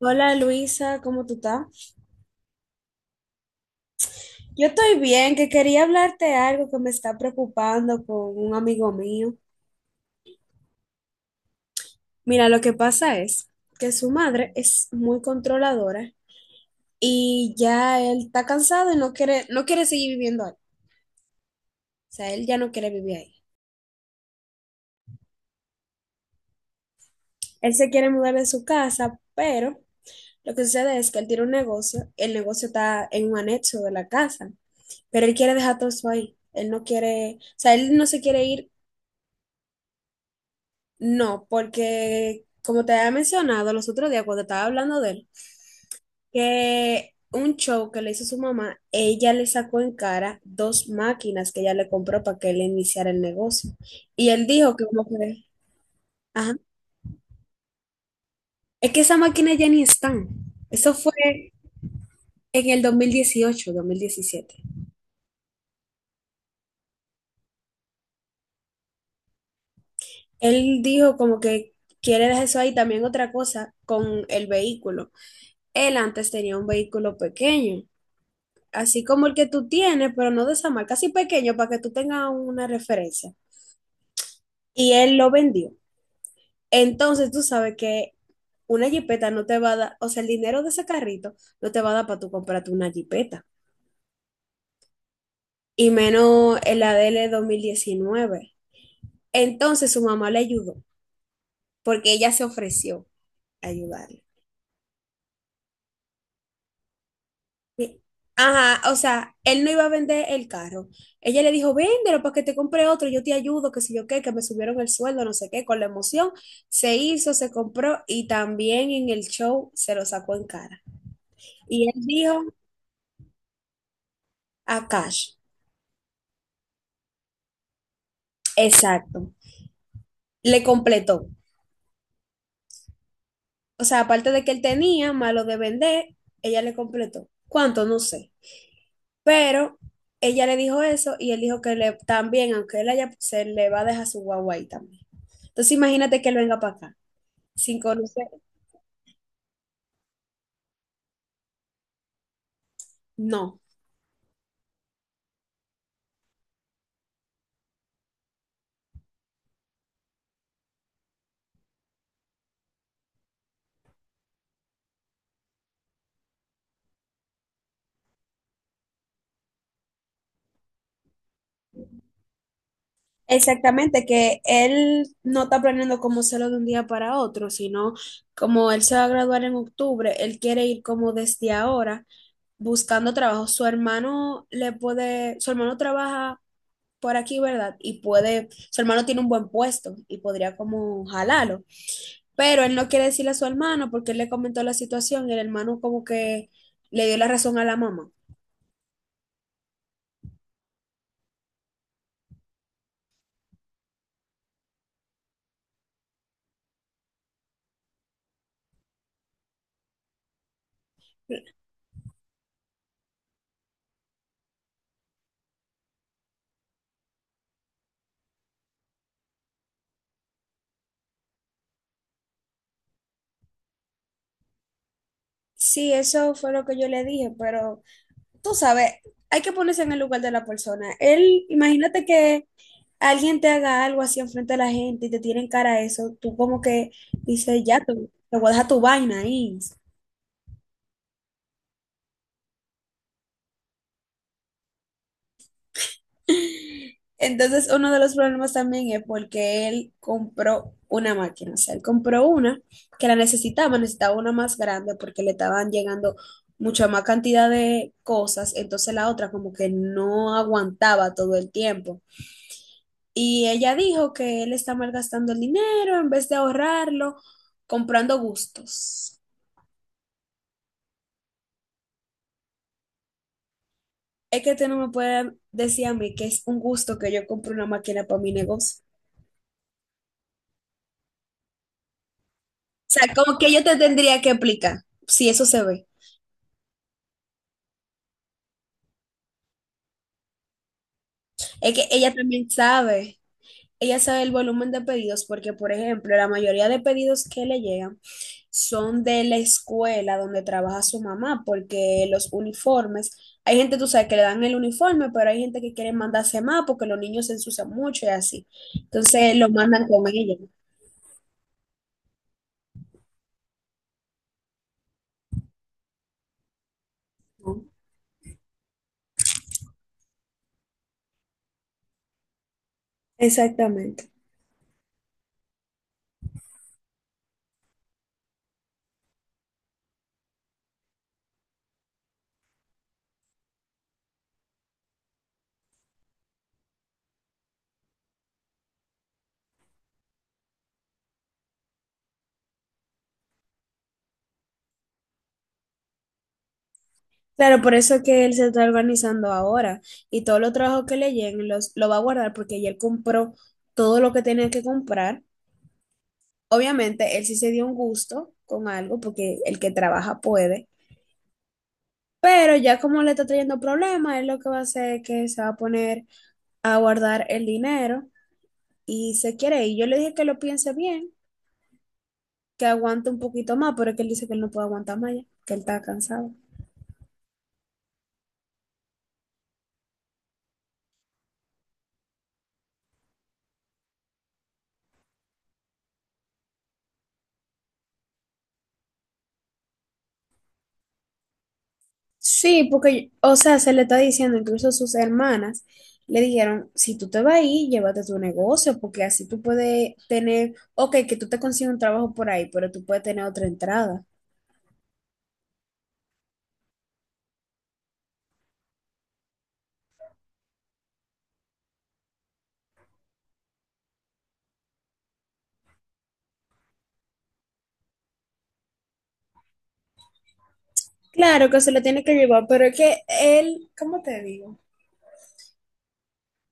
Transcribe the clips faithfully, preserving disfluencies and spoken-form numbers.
Hola Luisa, ¿cómo tú estás? Yo estoy bien, que quería hablarte algo que me está preocupando con un amigo mío. Mira, lo que pasa es que su madre es muy controladora y ya él está cansado y no quiere, no quiere seguir viviendo ahí. O sea, él ya no quiere vivir ahí. Él se quiere mudar de su casa, pero lo que sucede es que él tiene un negocio, el negocio está en un anexo de la casa, pero él quiere dejar todo eso ahí. Él no quiere, o sea, él no se quiere ir. No, porque como te había mencionado los otros días cuando estaba hablando de él, que un show que le hizo su mamá, ella le sacó en cara dos máquinas que ella le compró para que él iniciara el negocio. Y él dijo que como que, ajá, es que esas máquinas ya ni están. Eso fue en el dos dos mil dieciocho, dos mil diecisiete. Él dijo como que quiere dejar eso ahí. También otra cosa con el vehículo. Él antes tenía un vehículo pequeño así como el que tú tienes, pero no de esa marca, así pequeño para que tú tengas una referencia. Y él lo vendió. Entonces tú sabes que una jipeta no te va a dar, o sea, el dinero de ese carrito no te va a dar para tú comprarte una jipeta. Y menos el A D L dos mil diecinueve. Entonces su mamá le ayudó, porque ella se ofreció a ayudarle. Sí. Ajá, o sea, él no iba a vender el carro. Ella le dijo, véndelo para que te compre otro, yo te ayudo, que sé yo qué, que me subieron el sueldo, no sé qué, con la emoción. Se hizo, se compró y también en el show se lo sacó en cara. Y él dijo, a cash, exacto, le completó. O sea, aparte de que él tenía, malo de vender, ella le completó. ¿Cuánto? No sé. Pero ella le dijo eso y él dijo que le, también, aunque él haya, se le va a dejar su guagua ahí también. Entonces imagínate que él venga para acá, sin conocer. No. Exactamente, que él no está planeando como hacerlo de un día para otro, sino como él se va a graduar en octubre, él quiere ir como desde ahora buscando trabajo. Su hermano le puede, su hermano trabaja por aquí, ¿verdad? Y puede, su hermano tiene un buen puesto y podría como jalarlo. Pero él no quiere decirle a su hermano porque él le comentó la situación y el hermano como que le dio la razón a la mamá. Sí, eso fue lo que yo le dije, pero tú sabes, hay que ponerse en el lugar de la persona. Él, imagínate que alguien te haga algo así enfrente de la gente y te tienen cara a eso, tú como que dices, ya, tú, te voy a dejar tu vaina ahí. Entonces, uno de los problemas también es porque él compró una máquina, o sea, él compró una que la necesitaba, necesitaba una más grande porque le estaban llegando mucha más cantidad de cosas, entonces la otra como que no aguantaba todo el tiempo. Y ella dijo que él está malgastando el dinero en vez de ahorrarlo, comprando gustos. Es que tú no me puedes decir a mí que es un gusto que yo compre una máquina para mi negocio. O sea, como que yo te tendría que explicar si eso se ve. Es que ella también sabe, ella sabe el volumen de pedidos porque, por ejemplo, la mayoría de pedidos que le llegan son de la escuela donde trabaja su mamá, porque los uniformes, hay gente, tú sabes, que le dan el uniforme, pero hay gente que quiere mandarse más porque los niños se ensucian mucho y así. Entonces lo mandan con ella. ¿No? Exactamente. Claro, por eso que él se está organizando ahora y todos los trabajos que le lleguen los, lo va a guardar porque ya él compró todo lo que tenía que comprar. Obviamente, él sí se dio un gusto con algo porque el que trabaja puede, pero ya como le está trayendo problemas, él lo que va a hacer es que se va a poner a guardar el dinero y se quiere ir. Yo le dije que lo piense bien, que aguante un poquito más, pero es que él dice que él no puede aguantar más ya, que él está cansado. Sí, porque, o sea, se le está diciendo, incluso sus hermanas le dijeron, si tú te vas a ir, llévate tu negocio, porque así tú puedes tener, ok, que tú te consigues un trabajo por ahí, pero tú puedes tener otra entrada. Claro que se le tiene que llevar, pero es que él, ¿cómo te digo?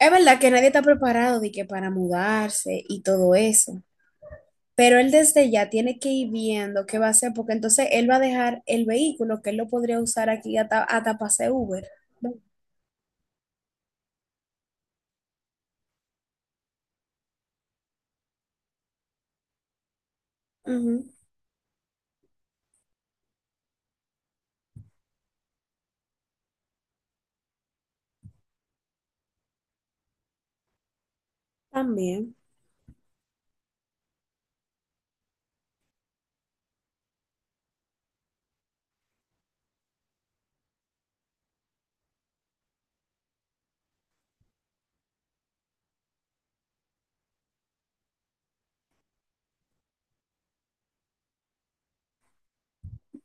Es verdad que nadie está preparado de que para mudarse y todo eso, pero él desde ya tiene que ir viendo qué va a hacer, porque entonces él va a dejar el vehículo que él lo podría usar aquí hasta, hasta para hacer Uber. Ujú. También.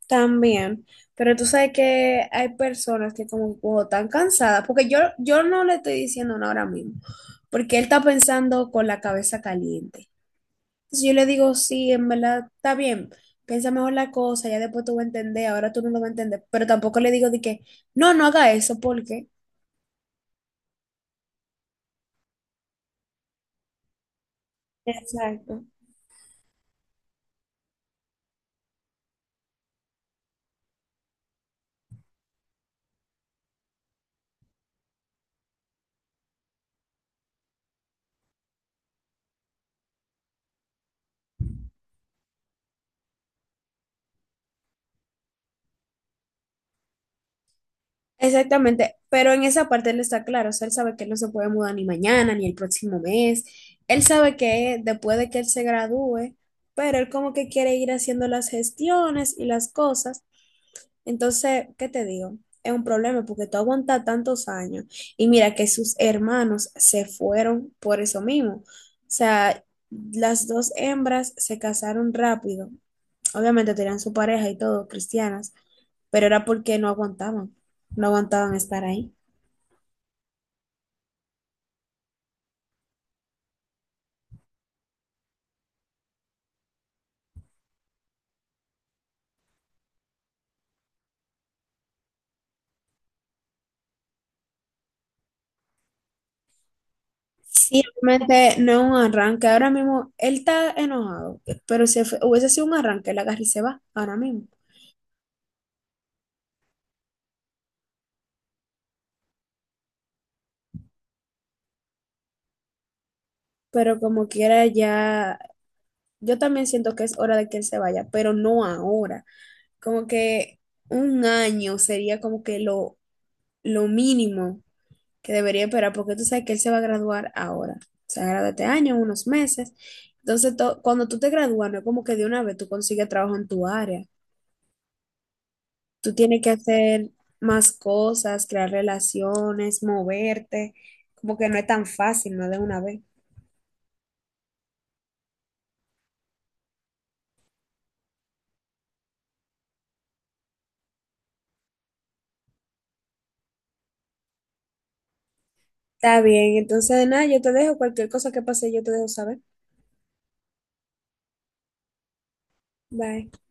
También, pero tú sabes que hay personas que como "Wow, están cansadas", porque yo, yo no le estoy diciendo nada ahora mismo, porque él está pensando con la cabeza caliente. Entonces yo le digo, sí, en verdad está bien, piensa mejor la cosa, ya después tú vas a entender, ahora tú no lo vas a entender, pero tampoco le digo de que, no, no haga eso, porque... Exacto. Exactamente, pero en esa parte él está claro, o sea, él sabe que él no se puede mudar ni mañana ni el próximo mes, él sabe que después de que él se gradúe, pero él como que quiere ir haciendo las gestiones y las cosas, entonces, ¿qué te digo? Es un problema porque tú aguantas tantos años y mira que sus hermanos se fueron por eso mismo, o sea, las dos hembras se casaron rápido, obviamente tenían su pareja y todo, cristianas, pero era porque no aguantaban, no aguantaban estar ahí. Sí, realmente no es un arranque. Ahora mismo él está enojado, pero si fue- hubiese sido un arranque, él agarra y se va ahora mismo. Pero como quiera, ya. Yo también siento que es hora de que él se vaya, pero no ahora. Como que un año sería como que lo, lo mínimo que debería esperar, porque tú sabes que él se va a graduar ahora. Se gradúa este año, unos meses. Entonces, to- cuando tú te gradúas, no es como que de una vez tú consigues trabajo en tu área. Tú tienes que hacer más cosas, crear relaciones, moverte, como que no es tan fácil, no de una vez. Está bien, entonces nada, yo te dejo cualquier cosa que pase, yo te dejo saber. Bye.